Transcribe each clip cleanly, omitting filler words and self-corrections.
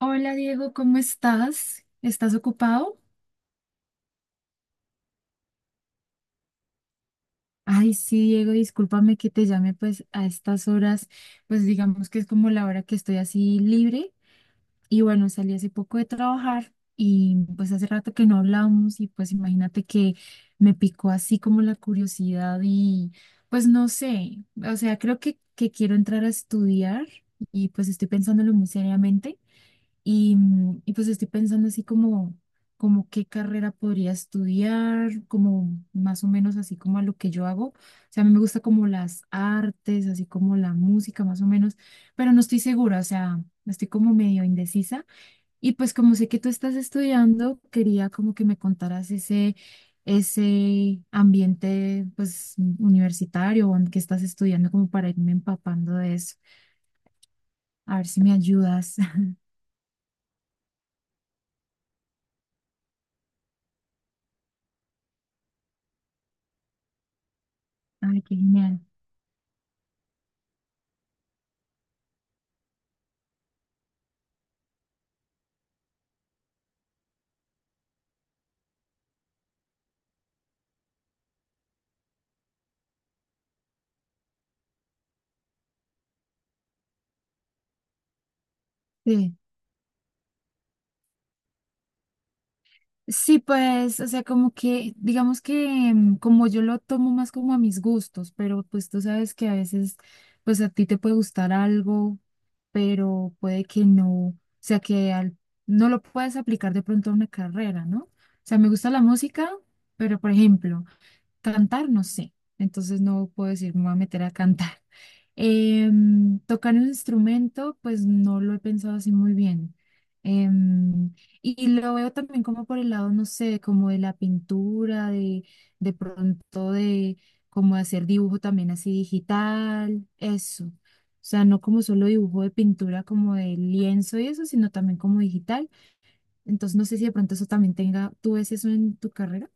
Hola Diego, ¿cómo estás? ¿Estás ocupado? Ay, sí, Diego, discúlpame que te llame pues a estas horas, pues digamos que es como la hora que estoy así libre y bueno, salí hace poco de trabajar y pues hace rato que no hablamos y pues imagínate que me picó así como la curiosidad y pues no sé, o sea, creo que quiero entrar a estudiar y pues estoy pensándolo muy seriamente. Y pues estoy pensando así como, como qué carrera podría estudiar, como más o menos así como a lo que yo hago. O sea, a mí me gusta como las artes, así como la música más o menos, pero no estoy segura, o sea, estoy como medio indecisa. Y pues como sé que tú estás estudiando, quería como que me contaras ese ambiente pues universitario o en que estás estudiando como para irme empapando de eso. A ver si me ayudas. Ay, qué genial. Sí. Sí, pues, o sea, como que, digamos que como yo lo tomo más como a mis gustos, pero pues tú sabes que a veces, pues a ti te puede gustar algo, pero puede que no, o sea, no lo puedes aplicar de pronto a una carrera, ¿no? O sea, me gusta la música, pero por ejemplo, cantar, no sé. Entonces no puedo decir, me voy a meter a cantar. Tocar un instrumento, pues no lo he pensado así muy bien. Em, y lo veo también como por el lado, no sé, como de la pintura, de pronto de como de hacer dibujo también así digital, eso. O sea, no como solo dibujo de pintura, como de lienzo y eso, sino también como digital. Entonces no sé si de pronto eso también tenga, ¿tú ves eso en tu carrera?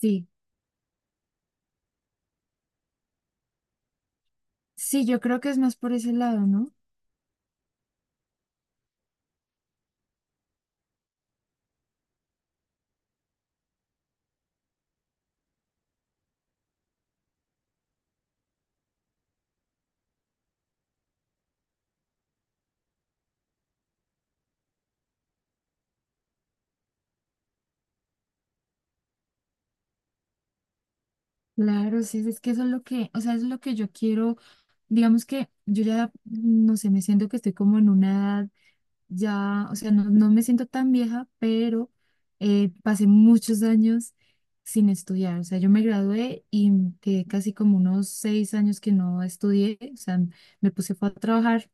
Sí. Sí, yo creo que es más por ese lado, ¿no? Claro, sí, es que eso es lo que, o sea, es lo que yo quiero, digamos que yo ya, no sé, me siento que estoy como en una edad ya, o sea, no, no me siento tan vieja, pero pasé muchos años sin estudiar, o sea, yo me gradué y quedé casi como unos 6 años que no estudié, o sea, me puse fue a trabajar.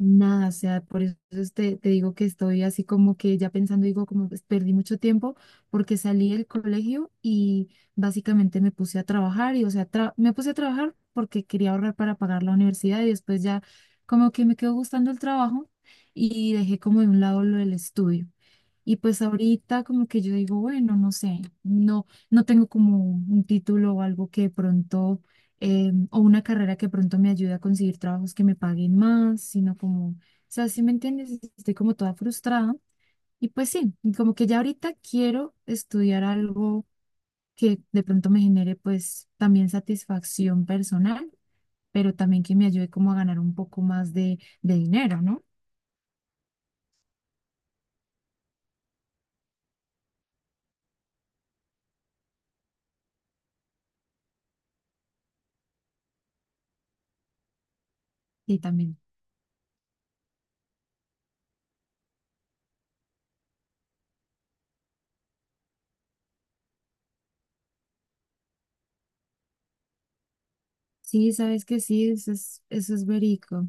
Nada, o sea, por eso es te digo que estoy así como que ya pensando, digo, como pues, perdí mucho tiempo porque salí del colegio y básicamente me puse a trabajar y, o sea, me puse a trabajar porque quería ahorrar para pagar la universidad y después ya como que me quedó gustando el trabajo y dejé como de un lado lo del estudio. Y pues ahorita como que yo digo, bueno, no sé, no tengo como un título o algo que de pronto, o una carrera que de pronto me ayude a conseguir trabajos que me paguen más, sino como, o sea, si me entiendes, estoy como toda frustrada. Y pues sí, y como que ya ahorita quiero estudiar algo que de pronto me genere pues también satisfacción personal, pero también que me ayude como a ganar un poco más de dinero, ¿no? Y también. Sí, sabes que sí, eso es verico.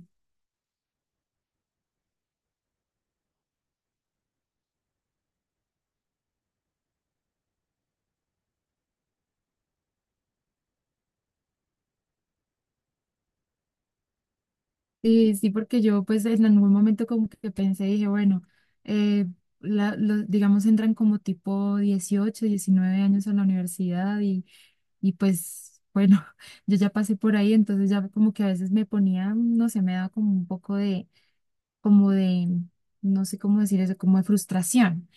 Sí, sí, porque yo pues en algún momento como que pensé, dije, bueno, eh, digamos entran como tipo 18, 19 años a la universidad y pues bueno, yo ya pasé por ahí, entonces ya como que a veces me ponía, no sé, me daba como un poco de no sé cómo decir eso, como de frustración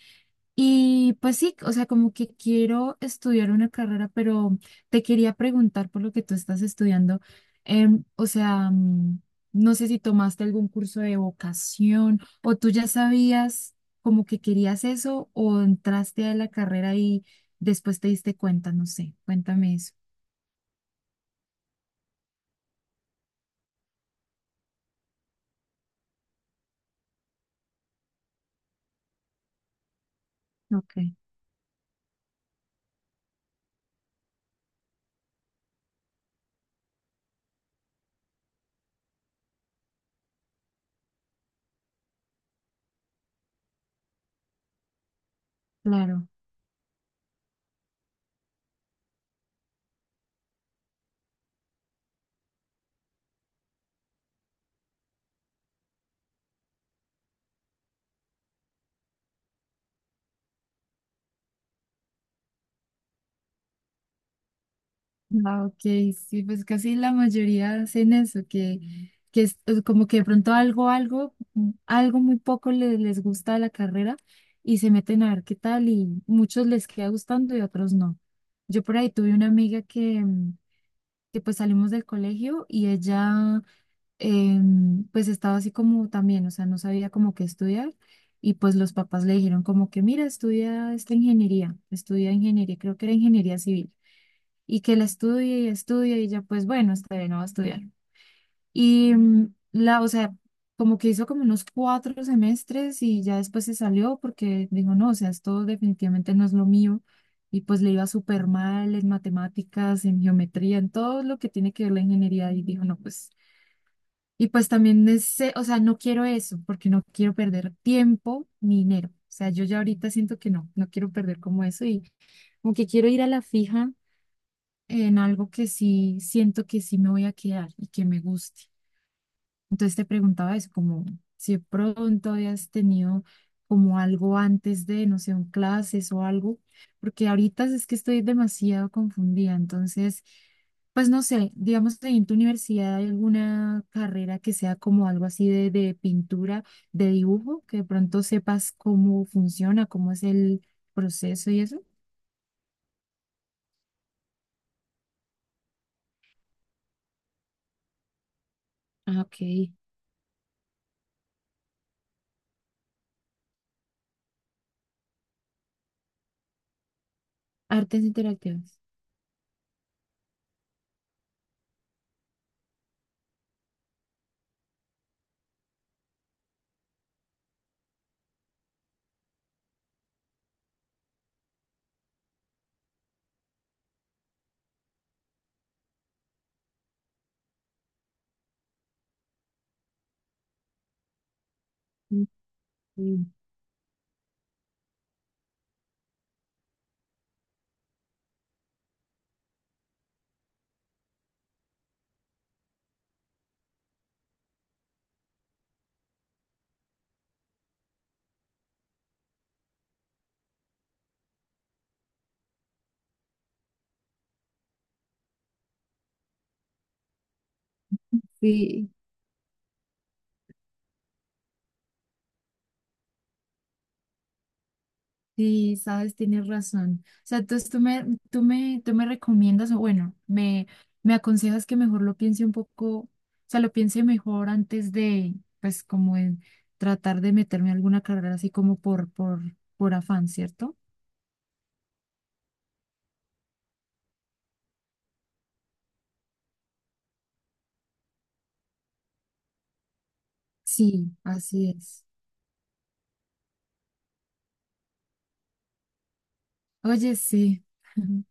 y pues sí, o sea, como que quiero estudiar una carrera, pero te quería preguntar por lo que tú estás estudiando. em, o sea, mm, no sé si tomaste algún curso de vocación o tú ya sabías como que querías eso o entraste a la carrera y después te diste cuenta, no sé, cuéntame eso. Ok, claro. Ah, ok, sí, pues casi la mayoría hacen eso, que es como que de pronto algo muy poco les gusta de la carrera y se meten a ver qué tal y muchos les queda gustando y otros no. Yo por ahí tuve una amiga que pues salimos del colegio y ella pues estaba así como también, o sea, no sabía como qué estudiar y pues los papás le dijeron como que mira, estudia esta ingeniería, estudia ingeniería, creo que era ingeniería civil y que él estudie y estudie y ya pues bueno, está bien, no va a estudiar. Y o sea, como que hizo como unos 4 semestres y ya después se salió porque dijo, no, o sea, esto definitivamente no es lo mío. Y pues le iba súper mal en matemáticas, en geometría, en todo lo que tiene que ver la ingeniería. Y dijo, no, pues, y pues también, ese, o sea, no quiero eso porque no quiero perder tiempo ni dinero. O sea, yo ya ahorita siento que no, no quiero perder como eso y como que quiero ir a la fija en algo que sí siento que sí me voy a quedar y que me guste. Entonces te preguntaba eso, como si de pronto habías tenido como algo antes de, no sé, un clases o algo, porque ahorita es que estoy demasiado confundida. Entonces, pues no sé, digamos que en tu universidad hay alguna carrera que sea como algo así de pintura, de dibujo, que de pronto sepas cómo funciona, cómo es el proceso y eso. Ah, ok. Artes interactivas. Mm. Sí, sí, sabes, tienes razón. O sea, entonces tú me recomiendas, o bueno, me aconsejas que mejor lo piense un poco, o sea, lo piense mejor antes de, pues, como en tratar de meterme a alguna carrera así como por afán, ¿cierto? Sí, así es. Oye, sí.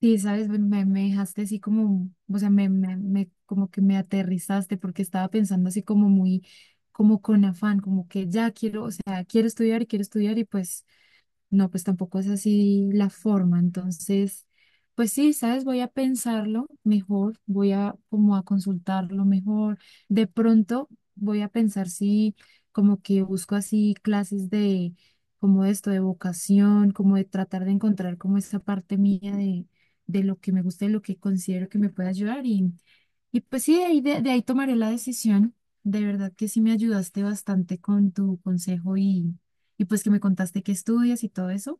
Sí, sabes, me dejaste así como, o sea, como que me aterrizaste porque estaba pensando así como muy, como con afán, como que ya quiero, o sea, quiero estudiar y pues no, pues tampoco es así la forma. Entonces, pues sí, sabes, voy a pensarlo mejor, voy a como a consultarlo mejor. De pronto voy a pensar si como que busco así clases de como esto, de vocación, como de tratar de encontrar como esa parte mía de lo que me gusta y lo que considero que me puede ayudar. Y pues sí, de ahí, de ahí tomaré la decisión. De verdad que sí me ayudaste bastante con tu consejo y pues que me contaste que estudias y todo eso.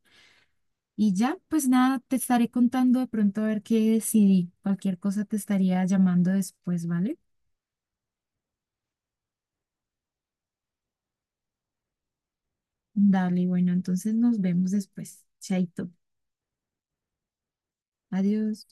Y ya, pues nada, te estaré contando de pronto a ver qué decidí. Cualquier cosa te estaría llamando después, ¿vale? Dale, bueno, entonces nos vemos después. Chaito. Adiós.